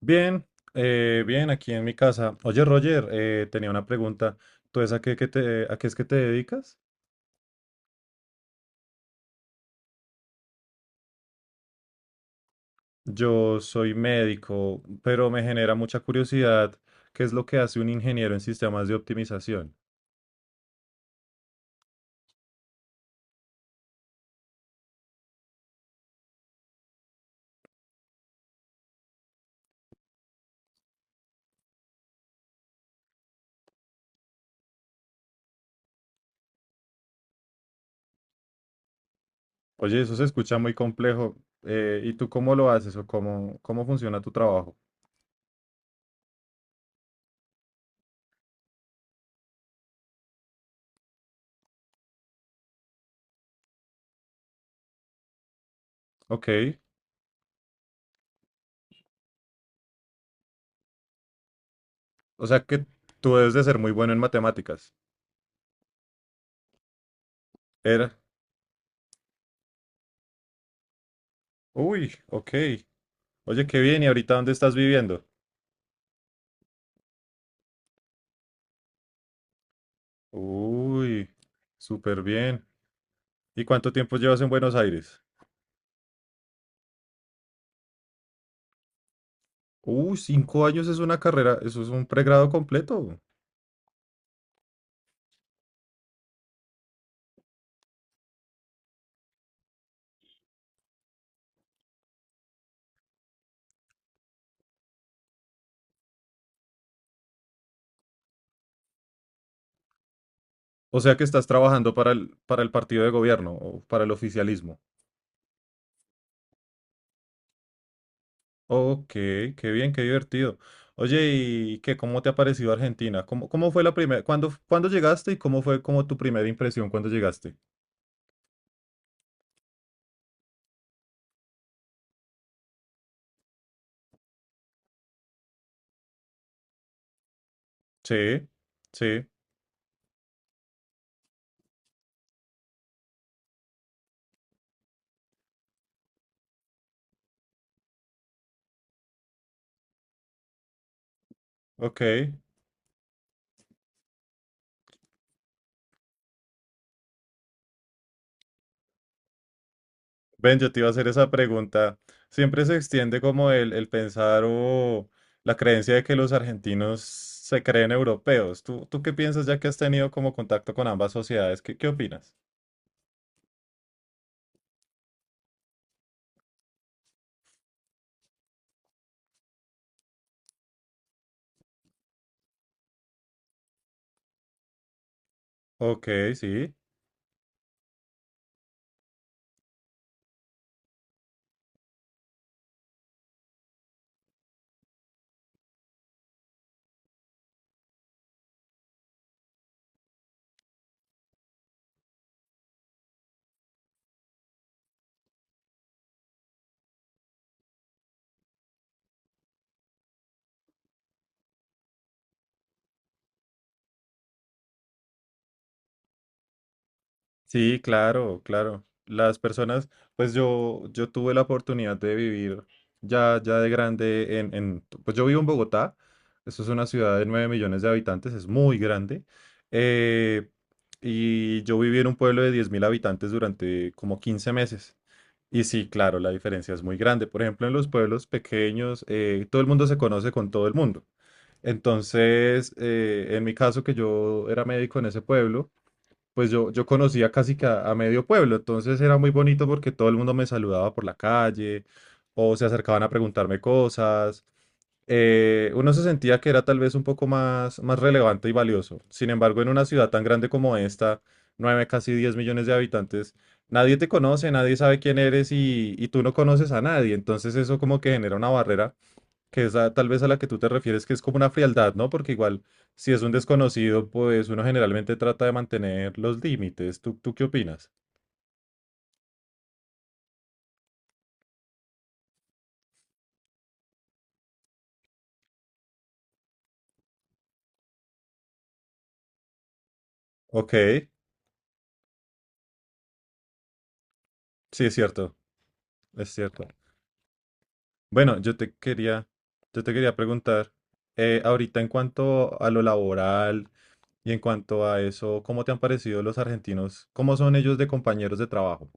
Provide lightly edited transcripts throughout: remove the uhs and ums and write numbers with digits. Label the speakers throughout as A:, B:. A: Bien, bien, aquí en mi casa. Oye, Roger, tenía una pregunta. ¿Tú es a qué es que te dedicas? Yo soy médico, pero me genera mucha curiosidad qué es lo que hace un ingeniero en sistemas de optimización. Oye, eso se escucha muy complejo. ¿Y tú cómo lo haces o cómo funciona tu trabajo? Ok, o sea que tú debes de ser muy bueno en matemáticas. Era. Uy, ok. Oye, qué bien. ¿Y ahorita dónde estás viviendo? Uy, súper bien. ¿Y cuánto tiempo llevas en Buenos Aires? 5 años es una carrera, eso es un pregrado completo. O sea que estás trabajando para el partido de gobierno o para el oficialismo. Ok, qué bien, qué divertido. Oye, ¿y cómo te ha parecido Argentina? ¿Cómo fue cuándo llegaste y cómo fue como tu primera impresión cuando llegaste? Sí, sí, ok. Ven, yo te iba a hacer esa pregunta. Siempre se extiende como el pensar o la creencia de que los argentinos se creen europeos. ¿Tú qué piensas ya que has tenido como contacto con ambas sociedades? ¿Qué opinas? Ok, sí. Sí, claro, claro. Las personas, pues yo tuve la oportunidad de vivir ya de grande pues yo vivo en Bogotá. Eso es una ciudad de 9 millones de habitantes, es muy grande. eh, y yo viví en un pueblo de 10.000 habitantes durante como 15 meses. Y sí, claro, la diferencia es muy grande. Por ejemplo, en los pueblos pequeños, todo el mundo se conoce con todo el mundo. Entonces, en mi caso, que yo era médico en ese pueblo, pues yo conocía casi que a medio pueblo, entonces era muy bonito porque todo el mundo me saludaba por la calle o se acercaban a preguntarme cosas. Uno se sentía que era tal vez un poco más relevante y valioso. Sin embargo, en una ciudad tan grande como esta, 9, casi 10 millones de habitantes, nadie te conoce, nadie sabe quién eres y tú no conoces a nadie. Entonces eso como que genera una barrera que es tal vez a la que tú te refieres, que es como una frialdad, ¿no? Porque igual, si es un desconocido, pues uno generalmente trata de mantener los límites. ¿Tú qué opinas? Ok, sí, es cierto, es cierto. Bueno, yo te quería preguntar, ahorita en cuanto a lo laboral y en cuanto a eso, ¿cómo te han parecido los argentinos? ¿Cómo son ellos de compañeros de trabajo?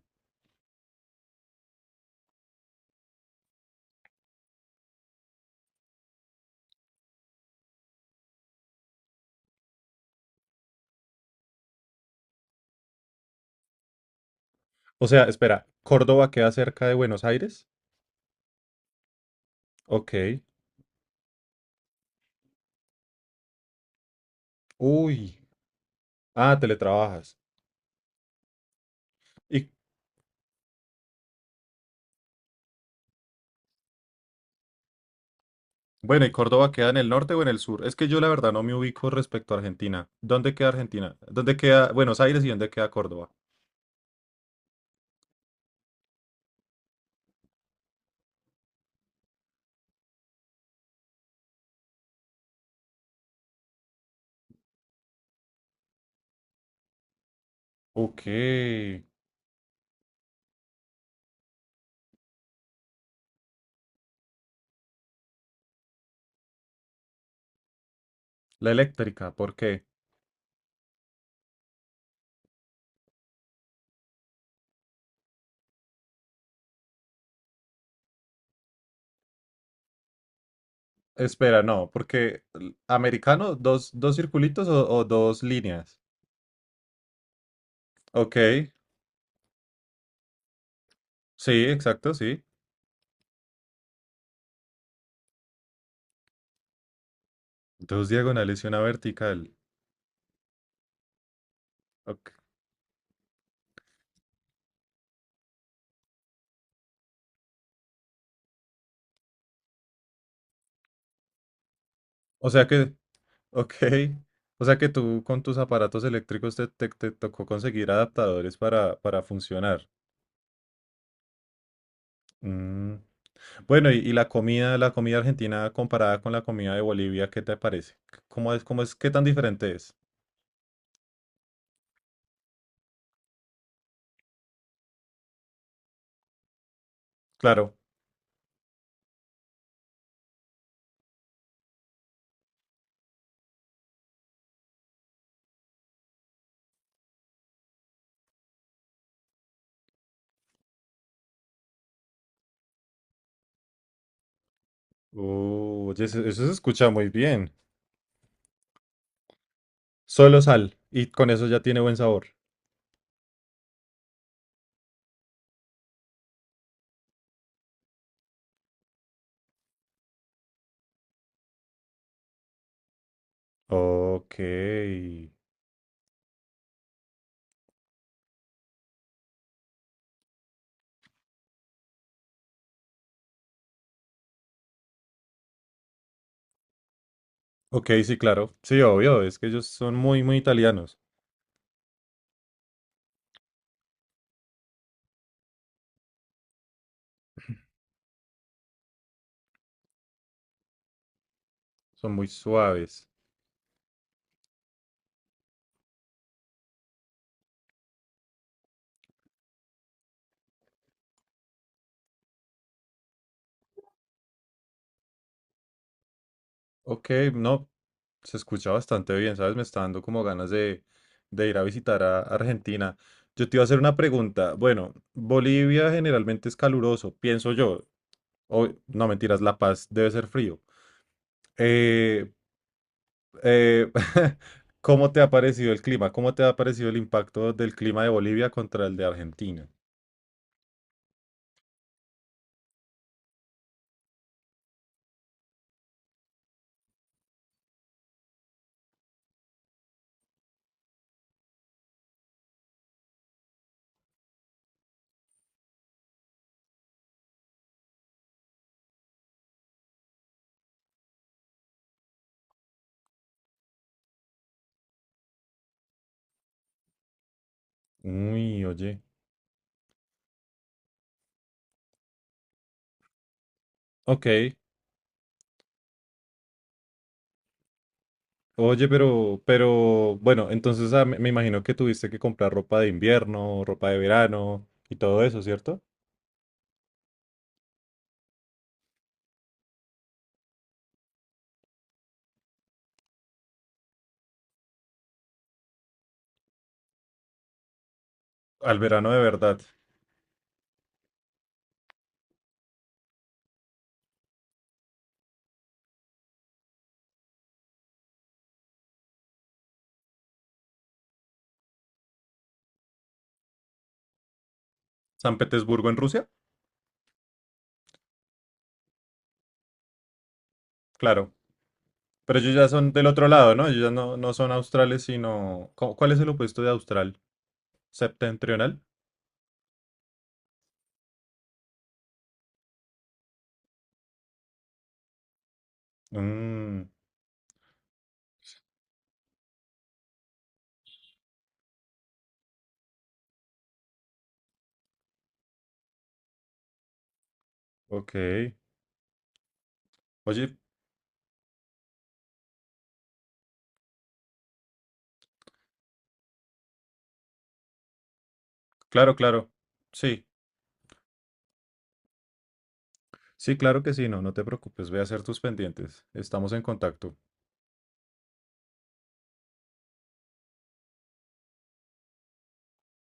A: O sea, espera, ¿Córdoba queda cerca de Buenos Aires? Ok. Uy, ah, teletrabajas. ¿Y Bueno, ¿y Córdoba queda en el norte o en el sur? Es que yo la verdad no me ubico respecto a Argentina. ¿Dónde queda Argentina? ¿Dónde queda Buenos Aires y dónde queda Córdoba? Ok, la eléctrica, ¿por qué? Espera, no, porque americano, dos circulitos o dos líneas. Ok, sí, exacto, sí. Dos diagonales y una vertical. Ok. O sea que, ok. O sea que tú con tus aparatos eléctricos te tocó conseguir adaptadores para funcionar. Mm, Bueno, y la comida, argentina comparada con la comida de Bolivia, ¿qué te parece? ¿Qué tan diferente es? Claro. Oh, oye, eso se escucha muy bien. Solo sal, y con eso ya tiene buen sabor. Ok. Ok, sí, claro. Sí, obvio, es que ellos son muy, muy italianos. Son muy suaves. Ok, no, se escucha bastante bien, ¿sabes? Me está dando como ganas de ir a visitar a Argentina. Yo te iba a hacer una pregunta. Bueno, Bolivia generalmente es caluroso, pienso yo. O, no, mentiras, La Paz debe ser frío. Eh, eh, ¿Cómo te ha parecido el clima? ¿Cómo te ha parecido el impacto del clima de Bolivia contra el de Argentina? Uy, oye. Ok. Oye, pero bueno, entonces me imagino que tuviste que comprar ropa de invierno, ropa de verano y todo eso, ¿cierto? Al verano de verdad. San Petersburgo en Rusia, claro. Pero ellos ya son del otro lado, ¿no? Ellos ya no, no son australes, sino... ¿Cuál es el opuesto de austral? ¿Septentrional? Mm, ok. Oye, claro, claro. Sí, sí, claro que sí, no, no te preocupes, ve a hacer tus pendientes. Estamos en contacto.